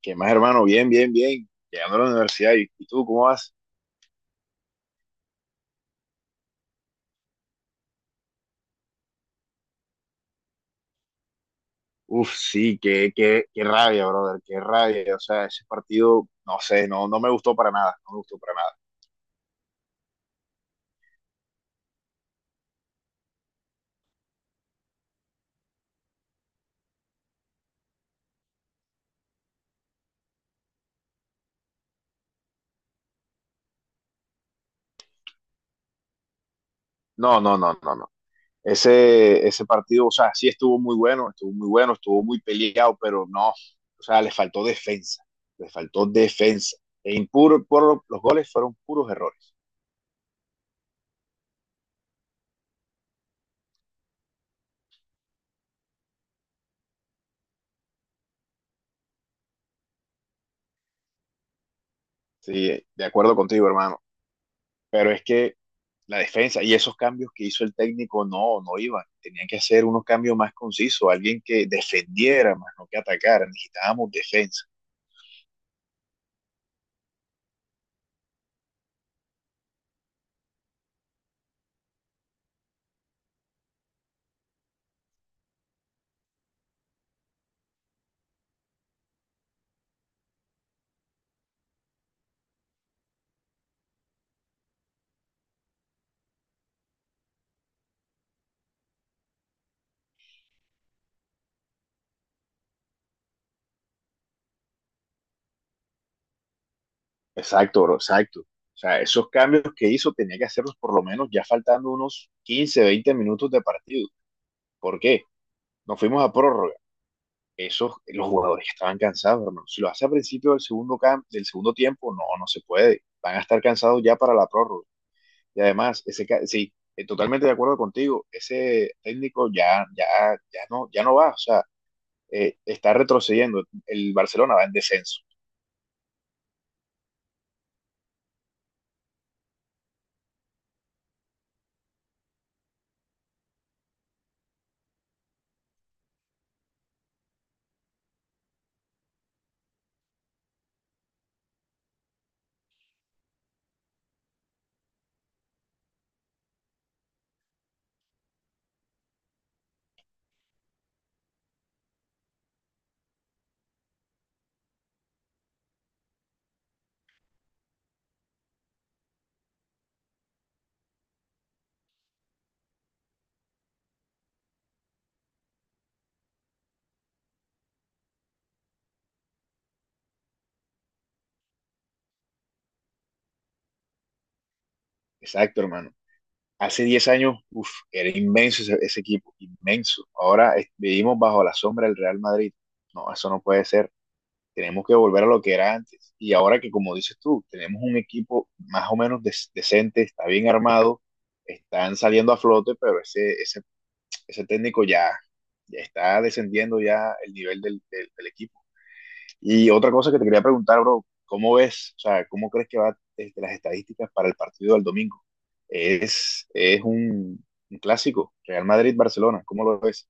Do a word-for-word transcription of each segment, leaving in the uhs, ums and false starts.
¿Qué más, hermano? Bien, bien, bien. Llegando a la universidad. ¿Y, y tú cómo vas? Uf, sí, qué, qué, qué rabia, brother, qué rabia. O sea, ese partido, no sé, no, no me gustó para nada, no me gustó para nada. No, no, no, no, no. Ese, ese partido, o sea, sí estuvo muy bueno, estuvo muy bueno, estuvo muy peleado, pero no, o sea, le faltó defensa, le faltó defensa. E impuro, por, los goles fueron puros errores. Sí, de acuerdo contigo, hermano. Pero es que la defensa y esos cambios que hizo el técnico no, no iban. Tenían que hacer unos cambios más concisos, alguien que defendiera más, no que atacara. Necesitábamos defensa. Exacto, bro, exacto. O sea, esos cambios que hizo tenía que hacerlos por lo menos ya faltando unos quince veinte minutos de partido. ¿Por qué? Nos fuimos a prórroga. Esos, los jugadores estaban cansados, hermano. Si lo hace al principio del segundo, cam- del segundo tiempo, no, no se puede. Van a estar cansados ya para la prórroga. Y además, ese, ca- sí, eh, totalmente de acuerdo contigo, ese técnico ya, ya, ya no, ya no va, o sea, eh, está retrocediendo, el Barcelona va en descenso. Exacto, hermano. Hace diez años, uf, era inmenso ese, ese equipo, inmenso. Ahora eh, vivimos bajo la sombra del Real Madrid. No, eso no puede ser. Tenemos que volver a lo que era antes. Y ahora que, como dices tú, tenemos un equipo más o menos des- decente, está bien armado, están saliendo a flote, pero ese, ese ese técnico ya, ya está descendiendo ya el nivel del, del, del, equipo. Y otra cosa que te quería preguntar, bro, ¿cómo ves, o sea, cómo crees que va este, las estadísticas para el partido del domingo? Es, es un, un clásico, Real Madrid-Barcelona, ¿cómo lo ves?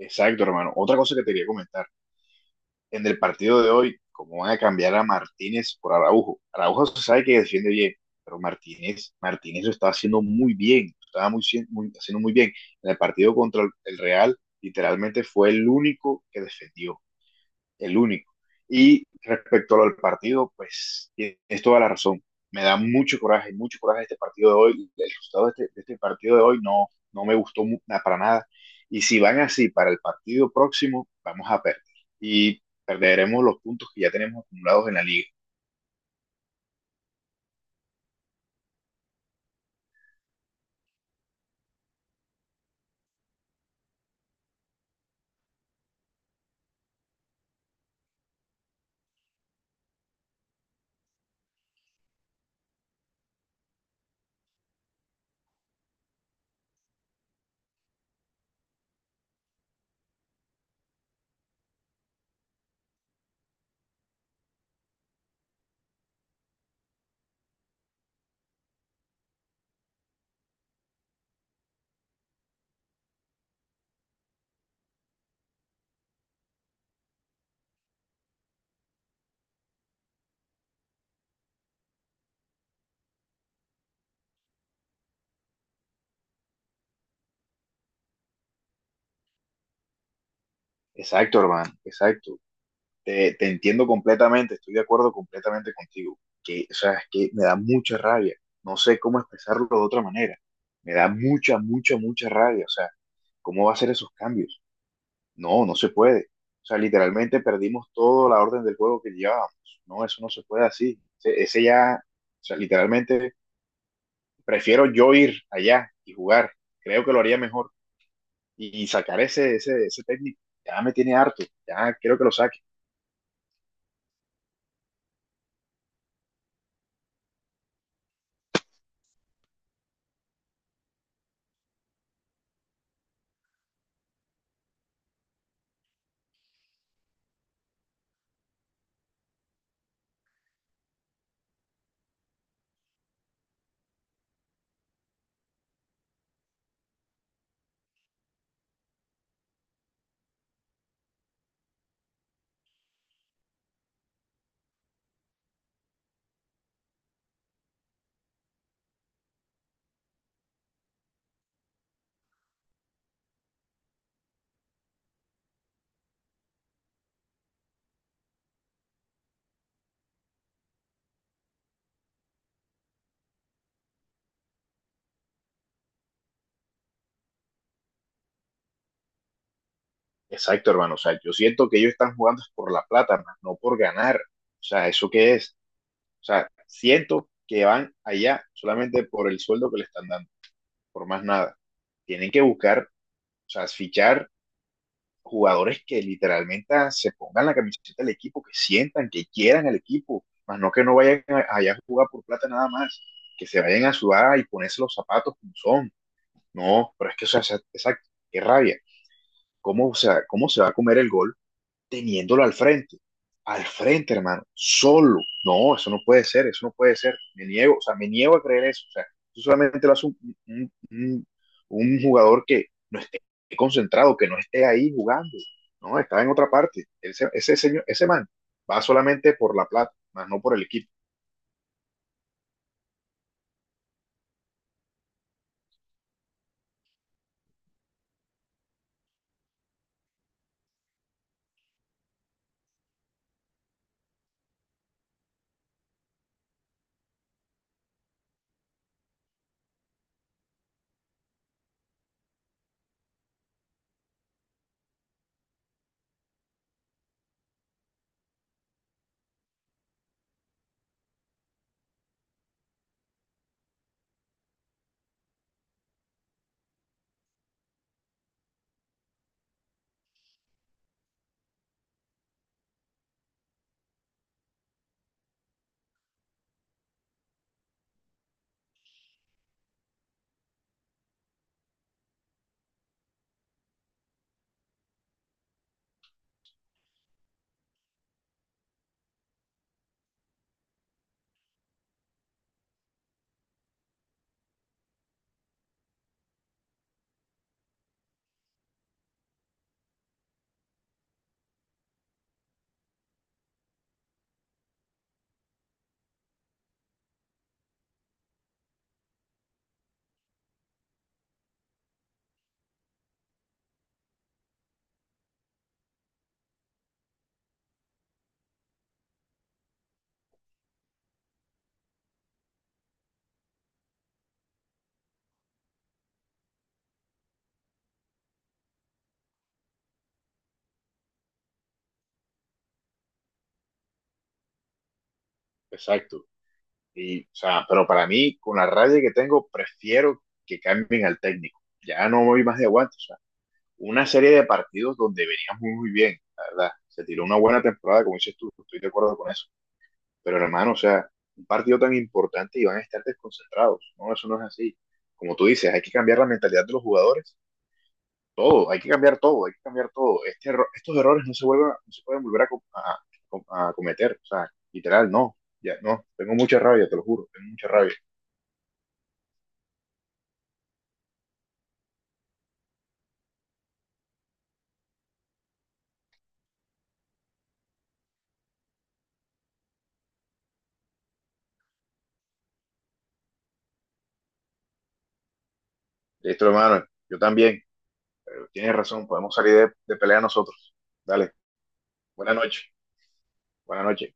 Exacto, hermano. Otra cosa que te quería comentar, en el partido de hoy, cómo van a cambiar a Martínez por Araujo. Araujo se sabe que defiende bien, pero Martínez, Martínez lo estaba haciendo muy bien, lo estaba muy, muy, haciendo muy bien. En el partido contra el Real, literalmente fue el único que defendió el único. Y respecto al partido, pues es toda la razón. Me da mucho coraje, mucho coraje este partido de hoy. El resultado de este, de este partido de hoy no, no me gustó mu- na- para nada. Y si van así para el partido próximo, vamos a perder. Y perderemos los puntos que ya tenemos acumulados en la liga. Exacto, hermano, exacto. Te, te entiendo completamente, estoy de acuerdo completamente contigo. Que, o sea, es que me da mucha rabia. No sé cómo expresarlo de otra manera. Me da mucha, mucha, mucha rabia. O sea, ¿cómo va a ser esos cambios? No, no se puede. O sea, literalmente perdimos toda la orden del juego que llevábamos. No, eso no se puede así. Ese, ese ya, o sea, literalmente prefiero yo ir allá y jugar. Creo que lo haría mejor. Y, y sacar ese, ese, ese técnico ya me tiene harto. Ya quiero que lo saque. Exacto, hermano. O sea, yo siento que ellos están jugando es por la plata, más no por ganar. O sea, ¿eso qué es? O sea, siento que van allá solamente por el sueldo que le están dando, por más nada. Tienen que buscar, o sea, fichar jugadores que literalmente se pongan la camiseta del equipo, que sientan, que quieran el equipo, más no que no vayan a- allá a jugar por plata nada más, que se vayan a sudar y ponerse los zapatos como son. No, pero es que, o sea, exacto, qué rabia. ¿Cómo, o sea, cómo se va a comer el gol? Teniéndolo al frente, al frente, hermano, solo. No, eso no puede ser, eso no puede ser. Me niego, o sea, me niego a creer eso. O sea, eso solamente lo hace un, un, un, un jugador que no esté concentrado, que no esté ahí jugando. No, estaba en otra parte. Ese, ese, señor, ese man va solamente por la plata, más no por el equipo. Exacto. Y, o sea, pero para mí, con la rabia que tengo, prefiero que cambien al técnico. Ya no voy más de aguantos. Una serie de partidos donde veníamos muy, muy bien, la verdad. Se tiró una buena temporada, como dices tú, estoy de acuerdo con eso. Pero hermano, o sea, un partido tan importante y van a estar desconcentrados. No, eso no es así. Como tú dices, hay que cambiar la mentalidad de los jugadores. Todo, hay que cambiar todo, hay que cambiar todo. Este erro- estos errores no se vuelven, no se pueden volver a, co- a- a a cometer. O sea, literal, no. Ya, no, tengo mucha rabia, te lo juro, tengo mucha rabia. Listo, hermano, yo también. Pero tienes razón, podemos salir de, de pelea nosotros. Dale, buena noche, buena noche.